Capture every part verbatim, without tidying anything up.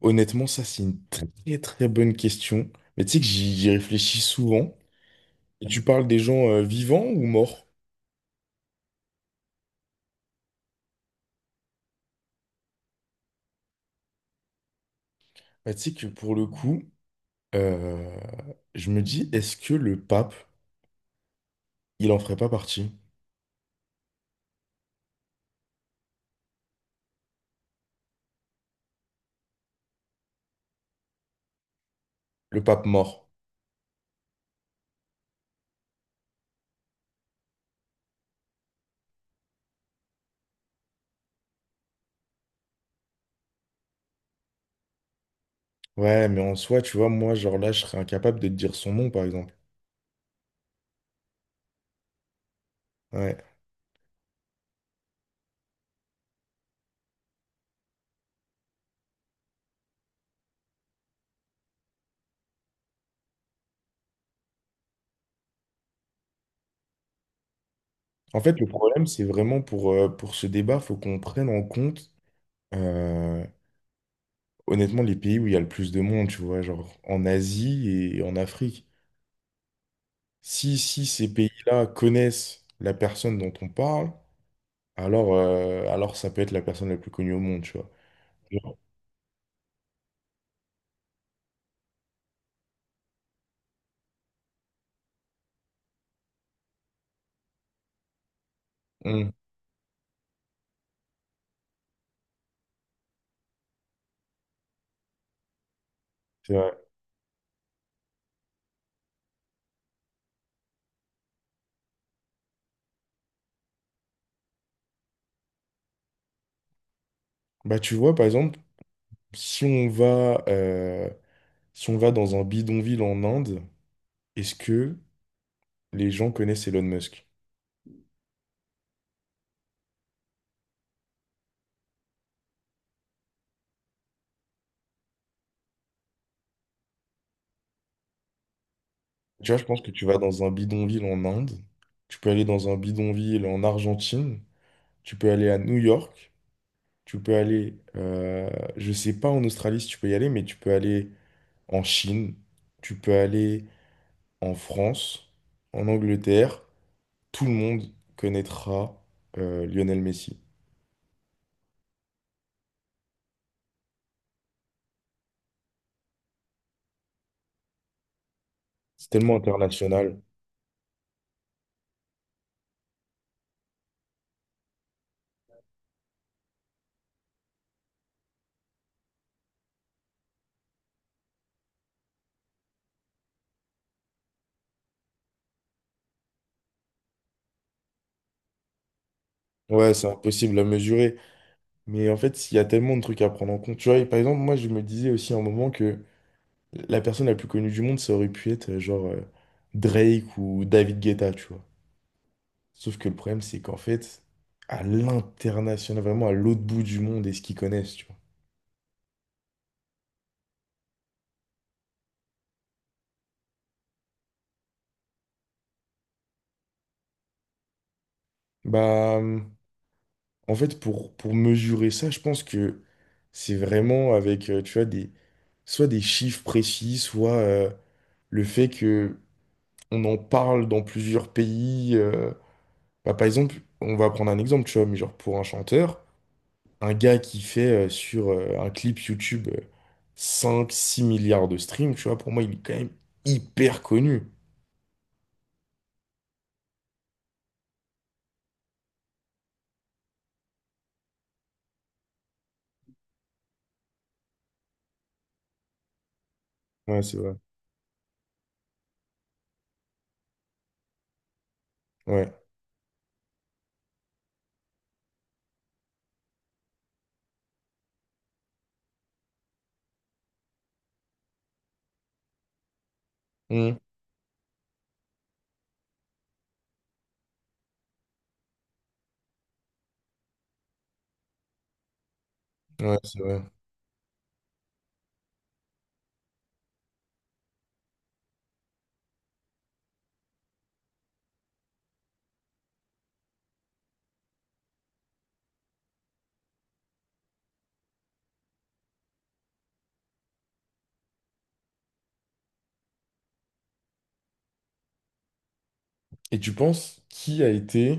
Honnêtement, ça, c'est une très très bonne question. Mais tu sais que j'y j'y réfléchis souvent. Et tu parles des gens euh, vivants ou morts? Bah, tu sais que pour le coup, euh, je me dis, est-ce que le pape, il en ferait pas partie? Le pape mort. Ouais, mais en soi, tu vois, moi, genre là, je serais incapable de te dire son nom, par exemple. Ouais. En fait, le problème, c'est vraiment pour, euh, pour ce débat, faut qu'on prenne en compte, euh, honnêtement, les pays où il y a le plus de monde, tu vois, genre en Asie et en Afrique. Si, si ces pays-là connaissent la personne dont on parle, alors, euh, alors ça peut être la personne la plus connue au monde, tu vois. Genre, hmm, c'est vrai. Bah, tu vois, par exemple, si on va, euh, si on va dans un bidonville en Inde, est-ce que les gens connaissent Elon Musk? Tu vois, je pense que tu vas dans un bidonville en Inde, tu peux aller dans un bidonville en Argentine, tu peux aller à New York, tu peux aller, euh, je sais pas en Australie si tu peux y aller, mais tu peux aller en Chine, tu peux aller en France, en Angleterre, tout le monde connaîtra euh, Lionel Messi. C'est tellement international. Ouais, c'est impossible à mesurer. Mais en fait, il y a tellement de trucs à prendre en compte. Tu vois, et par exemple, moi, je me disais aussi à un moment que la personne la plus connue du monde, ça aurait pu être euh, genre euh, Drake ou David Guetta, tu vois. Sauf que le problème, c'est qu'en fait, à l'international, vraiment à l'autre bout du monde, est-ce qu'ils connaissent, tu vois. Bah. hum, En fait, pour, pour mesurer ça, je pense que c'est vraiment avec, euh, tu vois, des, soit des chiffres précis, soit euh, le fait que on en parle dans plusieurs pays. euh. Bah, par exemple, on va prendre un exemple, tu vois, mais genre pour un chanteur, un gars qui fait euh, sur euh, un clip YouTube euh, cinq six milliards de streams, tu vois, pour moi, il est quand même hyper connu. Ouais, c'est vrai. Ouais. Mmh. Ouais, c'est vrai. Et tu penses qui a été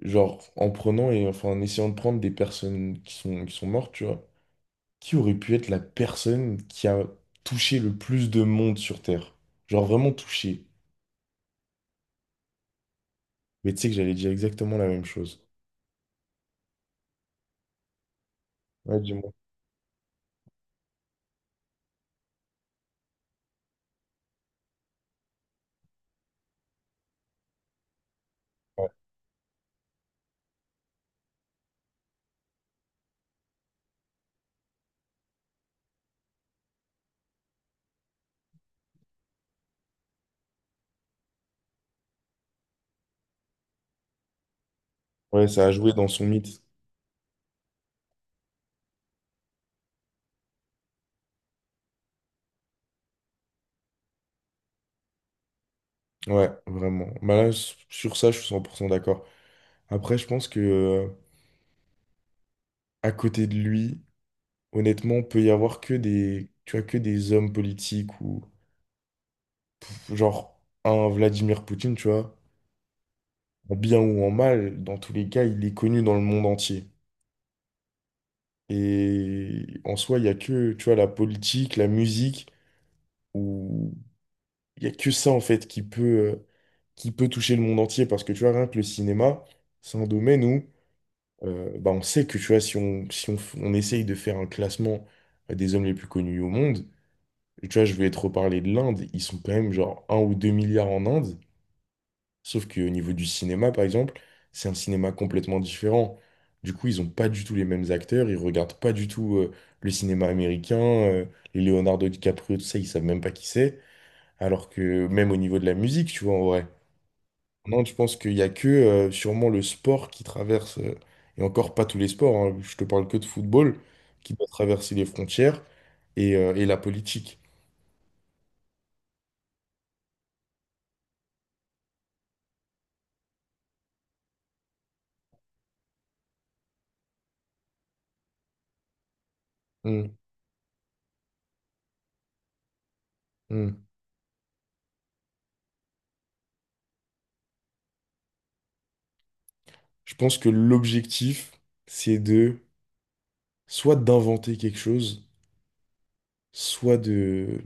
Genre, en prenant et enfin en essayant de prendre des personnes qui sont, qui sont mortes, tu vois. Qui aurait pu être la personne qui a touché le plus de monde sur Terre? Genre vraiment touché. Mais tu sais que j'allais dire exactement la même chose. Ouais, dis-moi. Ouais. Ouais, ça a joué dans son mythe. Ouais, vraiment. Bah là, s- sur ça, je suis cent pour cent d'accord. Après, je pense que euh, à côté de lui, honnêtement, peut y avoir que des, tu vois, que des hommes politiques ou genre un Vladimir Poutine, tu vois. En bien ou en mal, dans tous les cas, il est connu dans le monde entier. Et en soi, il n'y a que, tu vois, la politique, la musique, où il n'y a que ça, en fait, qui peut, euh, qui peut toucher le monde entier. Parce que, tu vois, rien que le cinéma, c'est un domaine où euh, bah, on sait que, tu vois, si on, si on, f- on essaye de faire un classement euh, des hommes les plus connus au monde, tu vois, je vais te reparler de l'Inde, ils sont quand même genre un ou deux milliards en Inde. Sauf qu'au niveau du cinéma, par exemple, c'est un cinéma complètement différent. Du coup, ils ont pas du tout les mêmes acteurs, ils regardent pas du tout euh, le cinéma américain, euh, les Leonardo DiCaprio, tout ça, ils savent même pas qui c'est. Alors que même au niveau de la musique, tu vois, en vrai. Non, je pense qu'il y a que euh, sûrement le sport qui traverse, euh, et encore pas tous les sports, hein, je te parle que de football, qui doit traverser les frontières et, euh, et la politique. Mm, mm. Je pense que l'objectif, c'est de soit d'inventer quelque chose, soit de,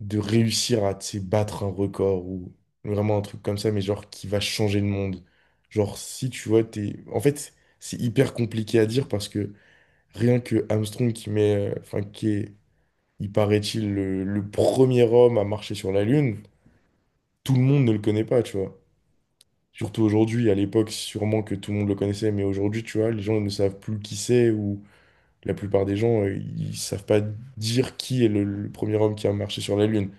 de réussir à, tu sais, battre un record ou vraiment un truc comme ça, mais genre qui va changer le monde. Genre, si tu vois, t'es... En fait, c'est hyper compliqué à dire parce que rien que Armstrong qui met... euh, Enfin, qui est, il paraît-il, le, le premier homme à marcher sur la Lune, tout le monde ne le connaît pas, tu vois. Surtout aujourd'hui, à l'époque, sûrement que tout le monde le connaissait, mais aujourd'hui, tu vois, les gens ne savent plus qui c'est ou la plupart des gens, euh, ils savent pas dire qui est le le premier homme qui a marché sur la Lune.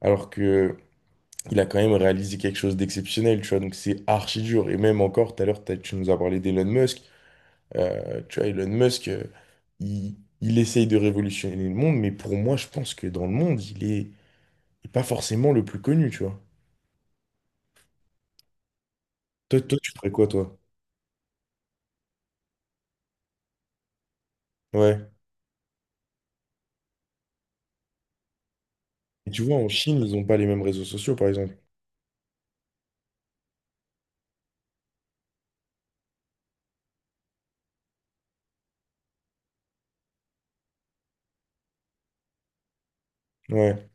Alors que il a quand même réalisé quelque chose d'exceptionnel, tu vois. Donc c'est archi dur. Et même encore, tout à l'heure, t'as- tu nous as parlé d'Elon Musk. Euh, tu vois, Elon Musk, euh, il, il essaye de révolutionner le monde, mais pour moi, je pense que dans le monde, il est, il est pas forcément le plus connu, tu vois. Toi, toi, tu ferais quoi, toi? Ouais. Et tu vois, en Chine, ils n'ont pas les mêmes réseaux sociaux, par exemple. Ouais.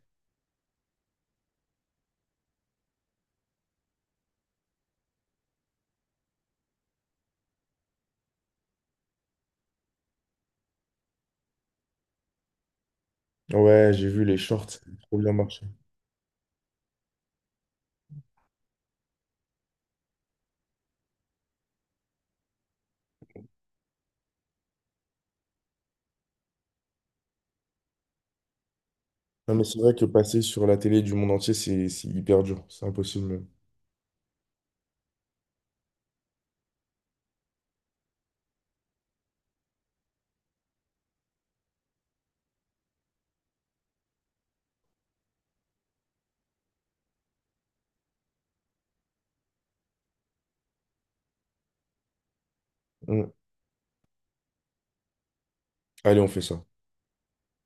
Ouais, j'ai vu les shorts, ça a trop bien marché. Non, mais c'est vrai que passer sur la télé du monde entier, c'est c'est hyper dur. C'est impossible. Même. Mm. Allez, on fait ça.